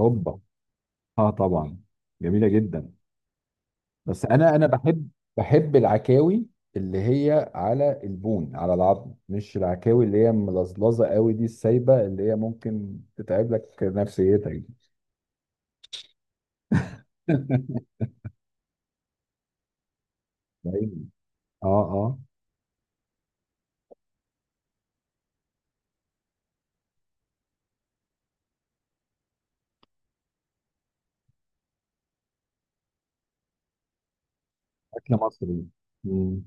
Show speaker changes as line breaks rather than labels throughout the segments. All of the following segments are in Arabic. هوبا، اه طبعا، جميله جدا. بس انا بحب، بحب العكاوي اللي هي على البون، على العظم، مش العكاوي اللي هي ملظلظه قوي دي، السايبه اللي هي ممكن تتعب لك نفسيتك دي. أيوة. اه اه، اكل مصري. مم.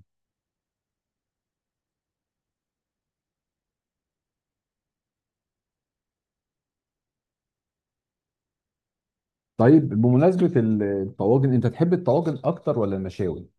طيب، بمناسبه الطواجن، انت تحب الطواجن اكتر ولا المشاوي؟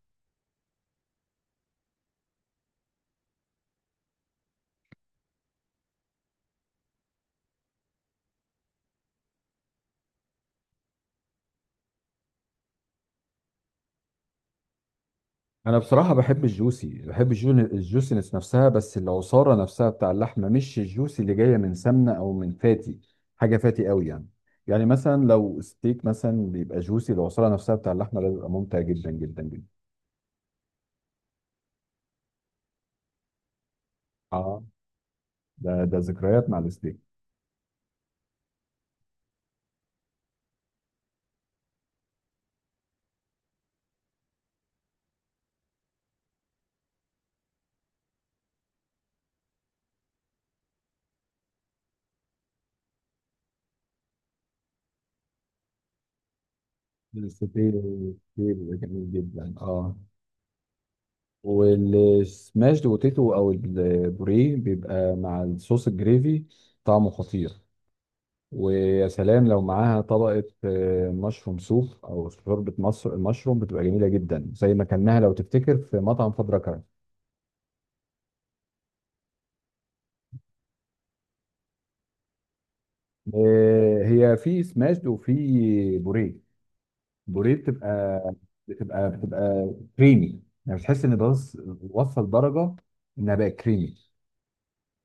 انا بصراحه بحب الجوسي، بحب الجوسينس نفسها، بس العصاره نفسها بتاع اللحمه، مش الجوسي اللي جايه من سمنه او من فاتي، حاجه فاتي قوي يعني. يعني مثلا لو ستيك مثلا بيبقى جوسي، العصاره نفسها بتاع اللحمه ده بيبقى ممتع جدا جدا جدا. اه، ده ذكريات مع الستيك. الستيك بيبقى جميل جدا اه. والسماش بوتيتو او البوريه بيبقى مع الصوص الجريفي، طعمه خطير. ويا سلام لو معاها طبقة مشروم سوب أو شوربة مصر المشروم، بتبقى جميلة جدا، زي ما كلناها لو تفتكر في مطعم فضرة كرم. هي في سماشد وفي بوريه. بوريه بتبقى كريمي يعني، بتحس إن، بس وصل درجة إنها بقت كريمي،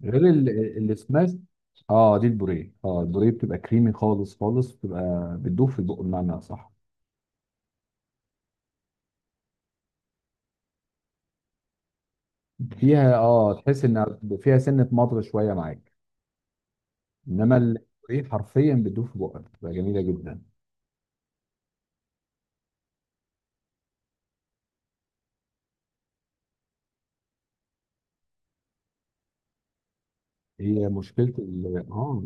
غير السماشد. اه، دي البوريه، اه، البوريه بتبقى كريمي خالص خالص، بتبقى بتدوب في البق بمعنى صح. فيها اه، تحس إنها فيها سنة مضغ شوية معاك، انما الايه حرفيا بتدوب في بقك، بتبقى جميله جدا. هي مشكله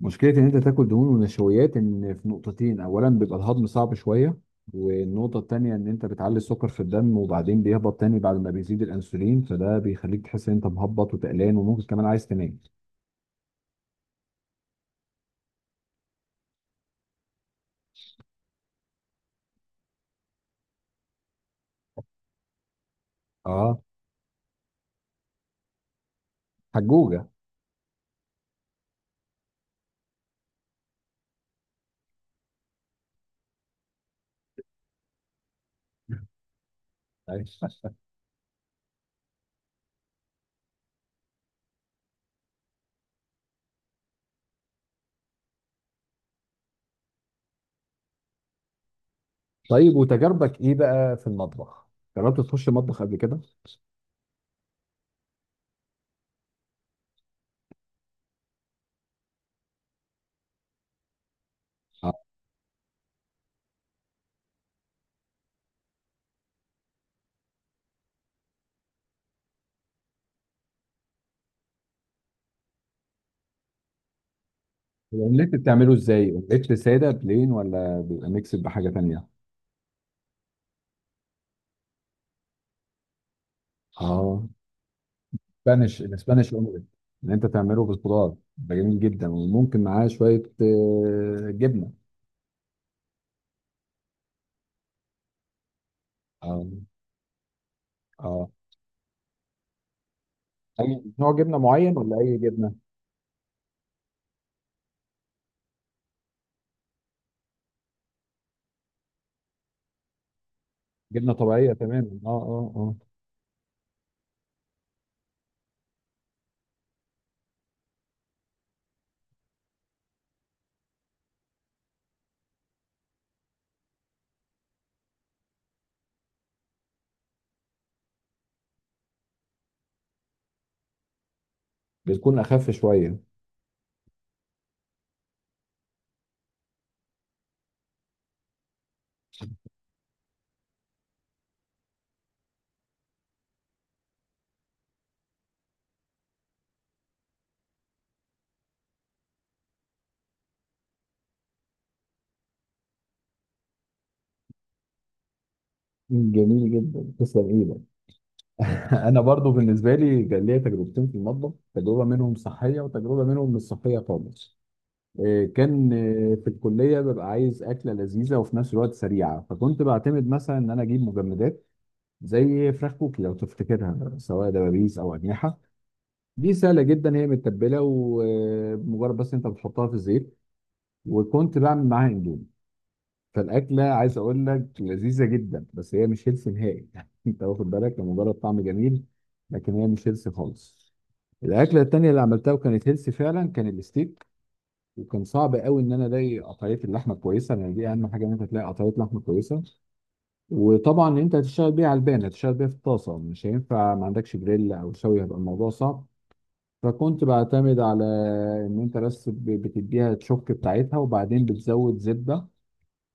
مشكله ان انت تاكل دهون ونشويات ان في نقطتين: اولا بيبقى الهضم صعب شويه، والنقطه التانيه ان انت بتعلي السكر في الدم وبعدين بيهبط تاني بعد ما بيزيد الانسولين، فده بيخليك تحس ان انت مهبط وتقلان وممكن كمان عايز تنام. اه، حجوجه. أيوة. طيب، وتجاربك ايه بقى في المطبخ؟ جربت تخش مطبخ قبل كده؟ اه، الاومليت بتعمله ازاي؟ اومليت ساده بلين ولا بيبقى ميكس بحاجه تانيه؟ اه، الاسبانيش، الاسبانيش اومليت، ان انت تعمله بالخضار ده جميل جدا، وممكن معاه شويه جبنه. اه اه، اي نوع جبنه معين ولا اي جبنه؟ جبنه طبيعيه تماما، اه اه اه. بتكون اخف شويه. جميل جدا، تسلم ايدك. انا برضو بالنسبه لي كان ليا تجربتين في المطبخ، تجربه منهم صحيه وتجربه منهم مش صحيه خالص. كان في الكليه ببقى عايز اكله لذيذه وفي نفس الوقت سريعه، فكنت بعتمد مثلا ان انا اجيب مجمدات زي فراخ كوكي لو تفتكرها، سواء دبابيس او اجنحه. دي سهله جدا، هي متبله ومجرد بس انت بتحطها في الزيت، وكنت بعمل معاها اندومي. فالاكله عايز اقول لك لذيذه جدا، بس هي مش هيلثي نهائي يعني، انت واخد بالك، لمجرد طعم جميل، لكن هي مش هيلثي خالص. الاكله التانيه اللي عملتها وكانت هيلثي فعلا كان الستيك. وكان صعب قوي ان انا الاقي قطعيه اللحمه كويسه، لان دي اهم حاجه ان انت تلاقي قطعيه لحمه كويسه. وطبعا انت هتشتغل بيه على البان، هتشتغل بيه في الطاسه، مش هينفع ما عندكش جريل او شوي، هيبقى الموضوع صعب. فكنت بعتمد على ان انت بس بتديها الشوك بتاعتها وبعدين بتزود زبده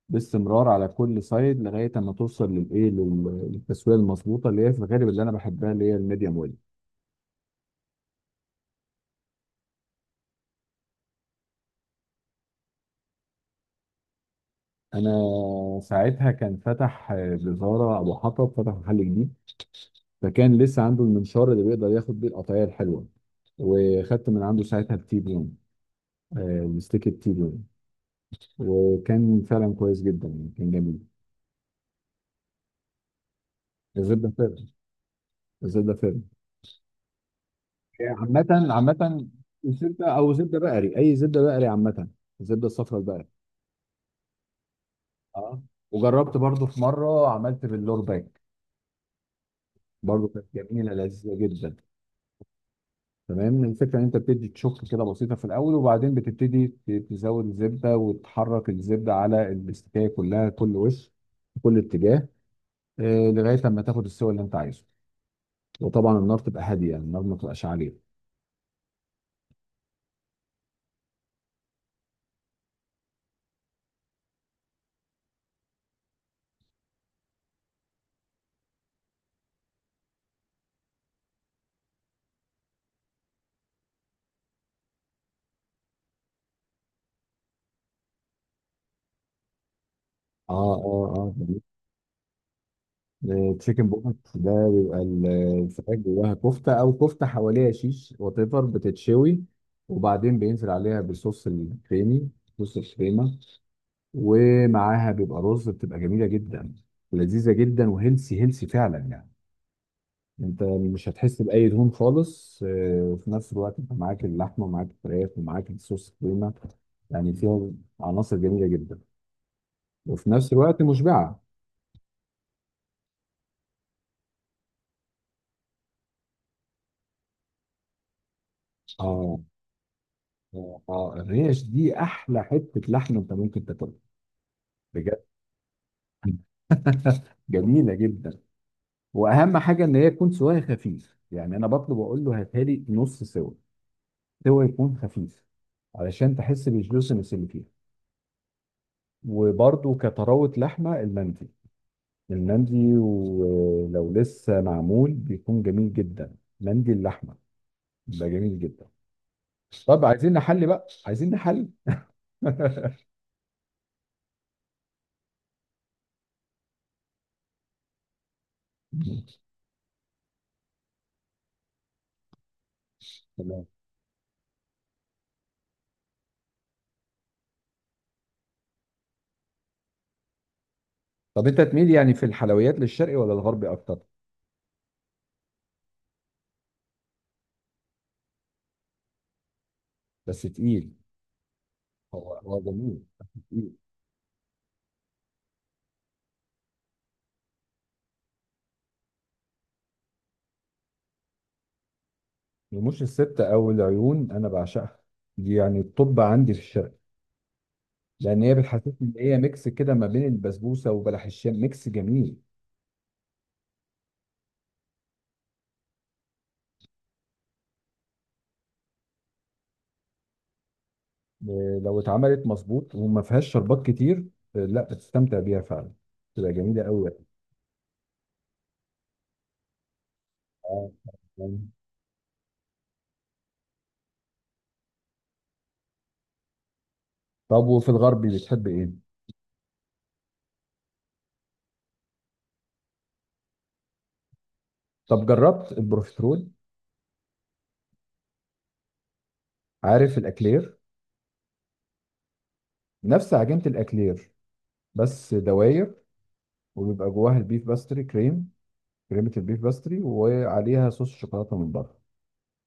باستمرار على كل سايد لغايه اما توصل للايه للتسويه المظبوطه اللي هي في الغالب اللي انا بحبها، اللي هي الميديوم ويل. انا ساعتها كان فتح جزاره ابو حطب، فتح محل جديد، فكان لسه عنده المنشار اللي بيقدر ياخد بيه القطعيه الحلوه. وخدت من عنده ساعتها التي بيون، الستيك التيبيون. وكان فعلا كويس جدا يعني، كان جميل. الزبده فارغ. الزبده فارغ. عامه، عامه. الزبده او زبده بقري، اي زبده بقري عامه، الزبده الصفراء البقري. اه. وجربت برضو في مره عملت باللور باك، برضو كانت جميله لذيذه جدا. تمام، الفكره ان انت بتدي تشك كده بسيطه في الاول، وبعدين بتبتدي تزود الزبده وتحرك الزبده على الاستكايه كلها، كل وش في كل اتجاه، لغايه لما تاخد السوى اللي انت عايزه. وطبعا النار تبقى هاديه يعني، النار ما تبقاش عاليه. اه اه اه، تشيكن بوكس ده بيبقى الفراخ جواها كفته، او كفته حواليها شيش، وات ايفر بتتشوي، وبعدين بينزل عليها بالصوص الكريمي، صوص الكريمه، ومعاها بيبقى رز، بتبقى جميله جدا ولذيذه جدا، وهيلسي هيلسي فعلا يعني. انت مش هتحس باي دهون خالص، وفي نفس الوقت انت معاك اللحمه ومعاك الفراخ ومعاك الصوص الكريمه، يعني فيها عناصر جميله جدا، وفي نفس الوقت مشبعه. اه اه، الريش دي احلى حته لحم انت ممكن تاكلها بجد. جميله جدا. واهم حاجه ان هي تكون سواها خفيف يعني، انا بطلب اقول له هاتها لي نص سوا، سوا يكون خفيف، علشان تحس بالجوسنس اللي فيها. وبرده كطراوه لحمه المندي، المندي ولو لسه معمول بيكون جميل جدا، مندي اللحمه ده جميل جدا. طب عايزين نحل بقى، عايزين نحل. تمام. طب انت تميل يعني في الحلويات للشرقي ولا الغربي اكتر؟ بس تقيل. هو جميل بس تقيل. رموش الستة أو العيون أنا بعشقها، دي يعني الطب عندي في الشرق، لأن هي بتحسسني إن هي ميكس كده ما بين البسبوسة وبلح الشام، ميكس جميل. لو اتعملت مظبوط وما فيهاش شربات كتير، لا بتستمتع بيها فعلا، تبقى جميلة أوي. آه، آه. طب وفي الغربي بتحب إيه؟ طب جربت البروفيترول؟ عارف الأكلير؟ نفس عجينة الأكلير، بس دواير، وبيبقى جواها البيف باستري كريم، كريمه البيف باستري، وعليها صوص شوكولاته من بره.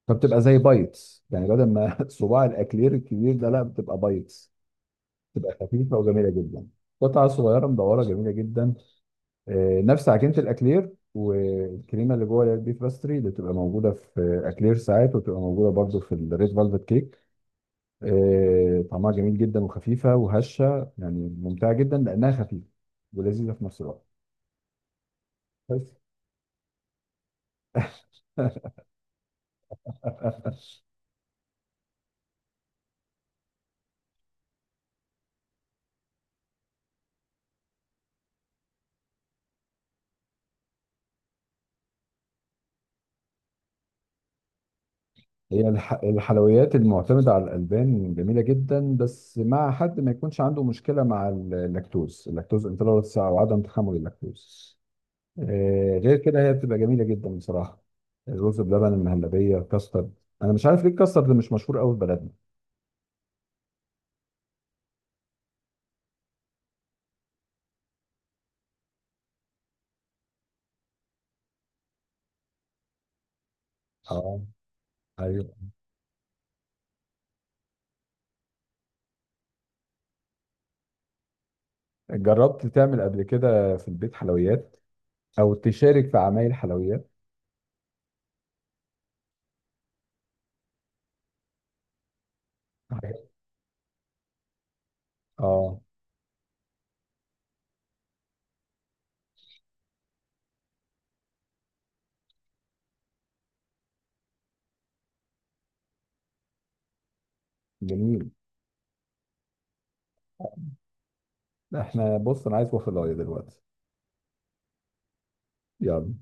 فبتبقى زي بايتس يعني، بدل ما صباع الاكلير الكبير ده، لا بتبقى بايتس. بتبقى خفيفه وجميله جدا، قطعه صغيره مدوره جميله جدا. نفس عجينه الاكلير، والكريمه اللي جوه البيف باستري اللي بتبقى موجوده في اكلير ساعات، وبتبقى موجوده برضو في الريد فالفت كيك. طعمها جميل جدا، وخفيفه وهشه يعني، ممتعه جدا لانها خفيفه ولذيذه في نفس الوقت. بس. هي الحلويات المعتمدة على الألبان جميلة جدا، بس مع حد ما يكونش عنده مشكلة مع اللاكتوز، اللاكتوز انتولرانس أو عدم تحمل اللاكتوز. آه، غير كده هي بتبقى جميلة جدا بصراحة. الرز بلبن، المهلبية، الكاسترد، أنا مش عارف ليه الكاسترد مش مشهور قوي في بلدنا. اه، ايوه. جربت تعمل قبل كده في البيت حلويات؟ أو تشارك في عمايل حلويات؟ اه، جميل. احنا بص، أنا عايز وافل دلوقتي. يلا.